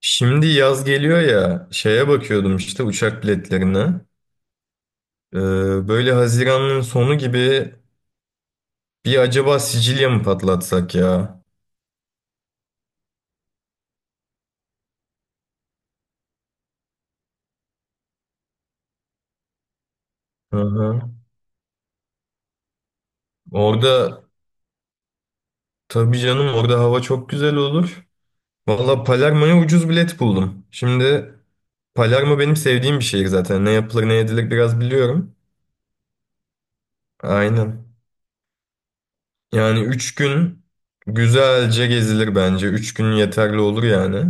Şimdi yaz geliyor ya şeye bakıyordum işte uçak biletlerine. Ee, Böyle Haziran'ın sonu gibi bir acaba Sicilya mı patlatsak ya? Hı hı. Orada tabii canım orada hava çok güzel olur. Valla Palermo'ya ucuz bilet buldum. Şimdi Palermo benim sevdiğim bir şehir zaten. Ne yapılır ne edilir biraz biliyorum. Aynen. Yani 3 gün güzelce gezilir bence. 3 gün yeterli olur yani.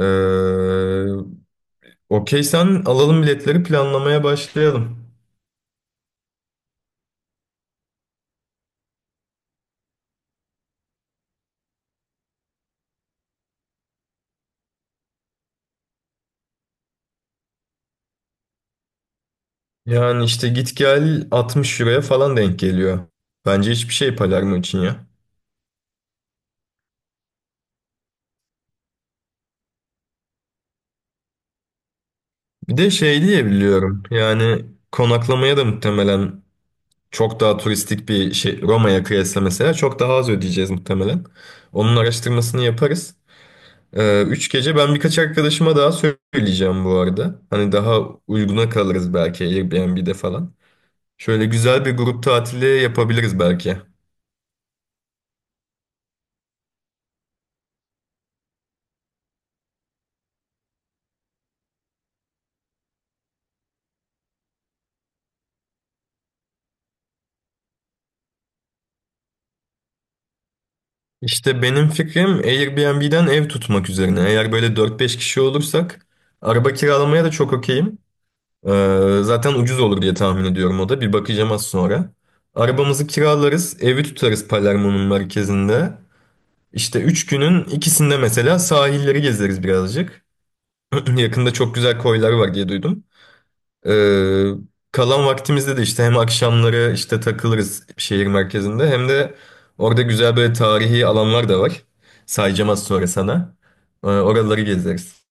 Ee, Okey, sen alalım biletleri planlamaya başlayalım. Yani işte git gel 60 euroya falan denk geliyor. Bence hiçbir şey Palermo için ya. Bir de şey diye biliyorum. Yani konaklamaya da muhtemelen çok daha turistik bir şey, Roma'ya kıyasla mesela çok daha az ödeyeceğiz muhtemelen. Onun araştırmasını yaparız. 3 gece, ben birkaç arkadaşıma daha söyleyeceğim bu arada. Hani daha uyguna kalırız belki Airbnb'de falan. Şöyle güzel bir grup tatili yapabiliriz belki. İşte benim fikrim Airbnb'den ev tutmak üzerine. Eğer böyle dört beş kişi olursak araba kiralamaya da çok okeyim. Zaten ucuz olur diye tahmin ediyorum o da. Bir bakacağım az sonra. Arabamızı kiralarız, evi tutarız Palermo'nun merkezinde. İşte 3 günün ikisinde mesela sahilleri gezeriz birazcık. Yakında çok güzel koylar var diye duydum. Ee, Kalan vaktimizde de işte hem akşamları işte takılırız şehir merkezinde, hem de orada güzel böyle tarihi alanlar da var. Sayacağım az sonra sana. Oraları gezeriz.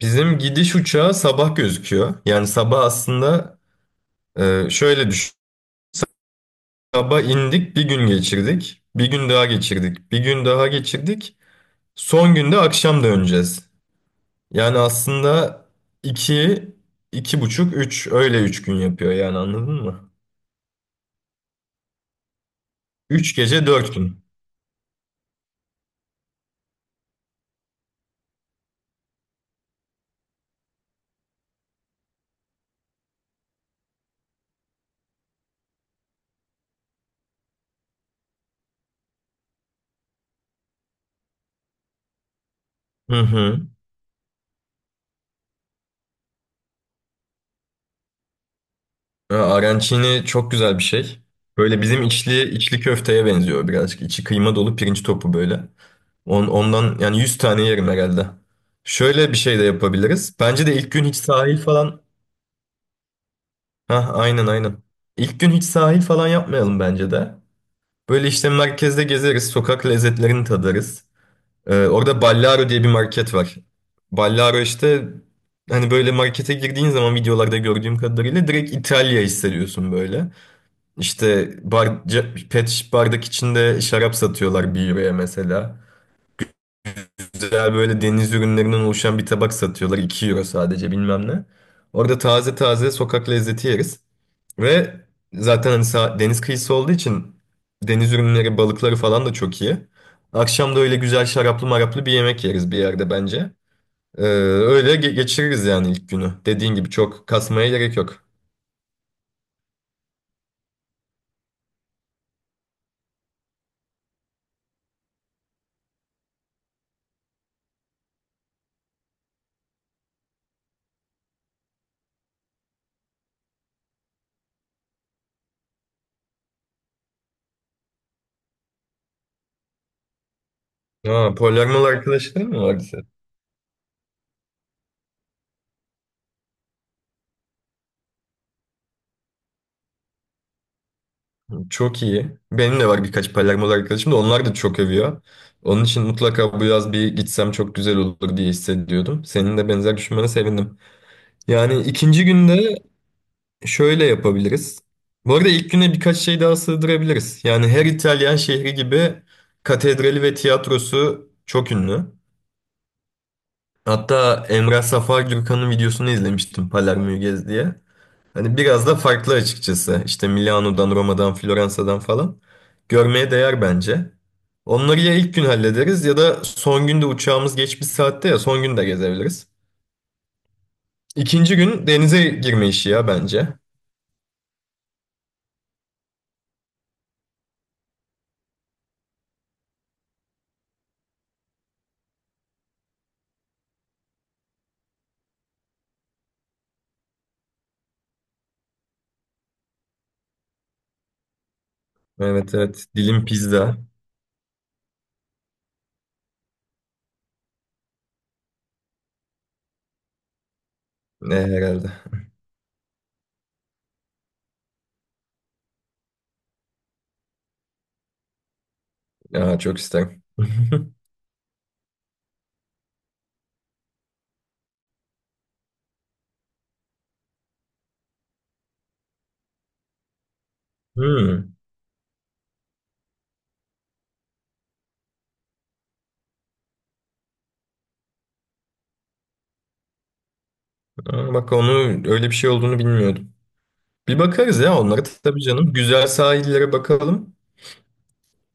Bizim gidiş uçağı sabah gözüküyor. Yani sabah aslında, şöyle düşün. Sabah indik, bir gün geçirdik. Bir gün daha geçirdik. Bir gün daha geçirdik. Son günde akşam döneceğiz. Yani aslında iki, iki buçuk, üç, öyle üç gün yapıyor yani, anladın mı? 3 gece 4 gün. Hı hı. Ya, Arancini çok güzel bir şey. Böyle bizim içli içli köfteye benziyor birazcık. İçi kıyma dolu pirinç topu böyle. Ondan yani 100 tane yerim herhalde. Şöyle bir şey de yapabiliriz. Bence de ilk gün hiç sahil falan. Hah, aynen aynen. İlk gün hiç sahil falan yapmayalım bence de. Böyle işte merkezde gezeriz, sokak lezzetlerini tadarız. Orada Ballaro diye bir market var. Ballaro işte, hani böyle markete girdiğin zaman videolarda gördüğüm kadarıyla direkt İtalya hissediyorsun böyle. İşte bar, pet şiş bardak içinde şarap satıyorlar 1 euroya mesela, güzel böyle deniz ürünlerinden oluşan bir tabak satıyorlar, 2 euro sadece bilmem ne. Orada taze taze sokak lezzeti yeriz. Ve zaten hani deniz kıyısı olduğu için deniz ürünleri, balıkları falan da çok iyi. Akşam da öyle güzel şaraplı maraplı bir yemek yeriz bir yerde bence. Öyle geçiririz yani ilk günü. Dediğin gibi çok kasmaya gerek yok. Aa, Polyanmalı arkadaşların mı vardı? Çok iyi. Benim de var birkaç Palermo'lu arkadaşım, da onlar da çok övüyor. Onun için mutlaka bu yaz bir gitsem çok güzel olur diye hissediyordum. Senin de benzer düşünmene sevindim. Yani ikinci günde şöyle yapabiliriz. Bu arada ilk güne birkaç şey daha sığdırabiliriz. Yani her İtalyan şehri gibi katedrali ve tiyatrosu çok ünlü. Hatta Emrah Safar Gürkan'ın videosunu izlemiştim Palermo'yu gez diye. Hani biraz da farklı açıkçası. İşte Milano'dan, Roma'dan, Floransa'dan falan. Görmeye değer bence. Onları ya ilk gün hallederiz ya da son günde uçağımız geç bir saatte, ya son gün de gezebiliriz. İkinci gün denize girme işi ya bence. Evet evet, dilim pizza. Ne herhalde. Ya, çok isterim. Hmm. Aa, bak, onu öyle bir şey olduğunu bilmiyordum. Bir bakarız ya onlara tabii canım. Güzel sahillere bakalım.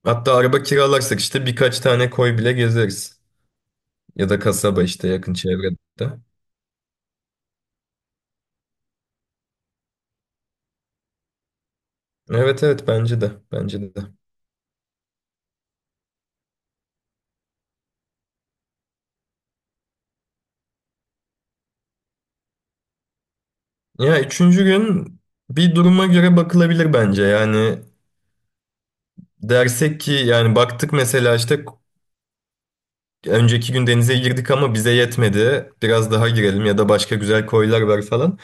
Hatta araba kiralarsak işte birkaç tane koy bile gezeriz. Ya da kasaba, işte yakın çevrede. Evet evet, bence de. Bence de. Ya üçüncü gün bir duruma göre bakılabilir bence. Yani dersek ki, yani baktık mesela, işte önceki gün denize girdik ama bize yetmedi, biraz daha girelim ya da başka güzel koylar var falan.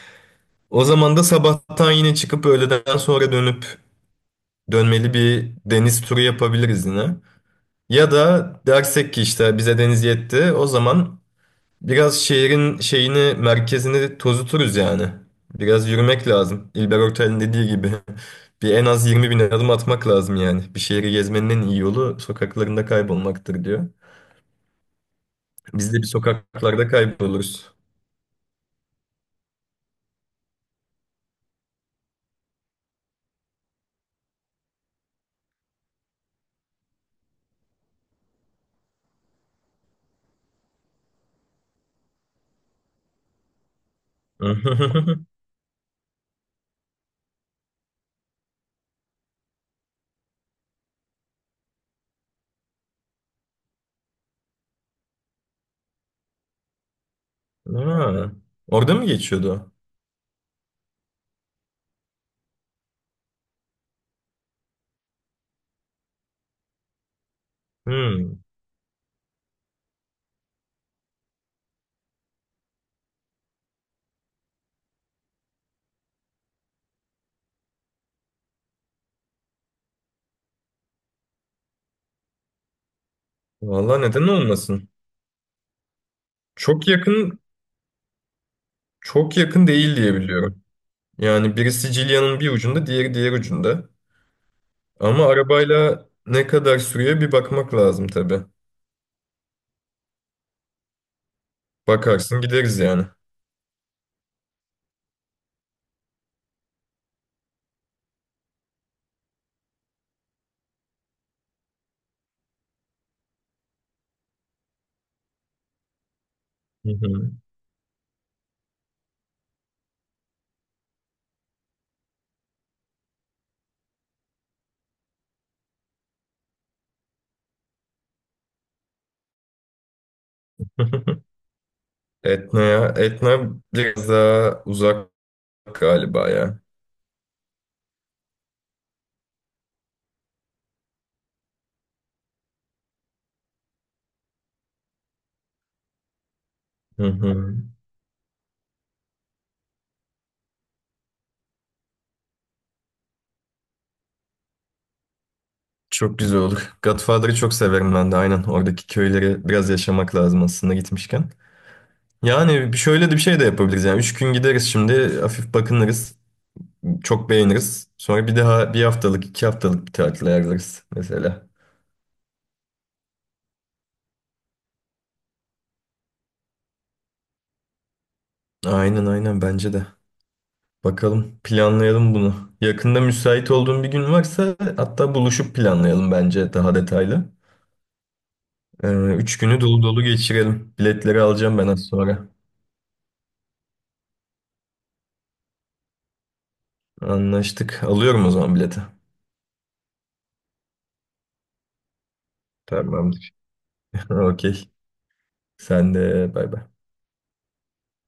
O zaman da sabahtan yine çıkıp öğleden sonra dönüp dönmeli bir deniz turu yapabiliriz yine. Ya da dersek ki işte bize deniz yetti. O zaman biraz şehrin şeyini, merkezini tozuturuz yani. Biraz yürümek lazım. İlber Ortaylı'nın dediği gibi. Bir, en az 20 bin adım atmak lazım yani. Bir şehri gezmenin en iyi yolu sokaklarında kaybolmaktır diyor. Biz de bir sokaklarda kayboluruz. Ha, orada mı geçiyordu o? Hmm. Vallahi neden olmasın? Çok yakın, çok yakın değil diye biliyorum. Yani biri Sicilya'nın bir ucunda, diğeri diğer ucunda. Ama arabayla ne kadar sürüyor bir bakmak lazım tabii. Bakarsın gideriz yani. Hı hı. Etna'ya. Etna biraz daha uzak galiba ya. Hı hı. Çok güzel olur. Godfather'ı çok severim ben de, aynen. Oradaki köyleri biraz yaşamak lazım aslında gitmişken. Yani şöyle de bir şey de yapabiliriz. Yani üç gün gideriz şimdi. Hafif bakınırız. Çok beğeniriz. Sonra bir daha 1 haftalık, 2 haftalık bir tatil ayarlarız mesela. Aynen aynen, bence de. Bakalım, planlayalım bunu. Yakında müsait olduğun bir gün varsa hatta, buluşup planlayalım bence daha detaylı. Ee, 3 günü dolu dolu geçirelim. Biletleri alacağım ben az sonra. Anlaştık. Alıyorum o zaman bileti. Tamamdır. Okey. Sen de bay bay.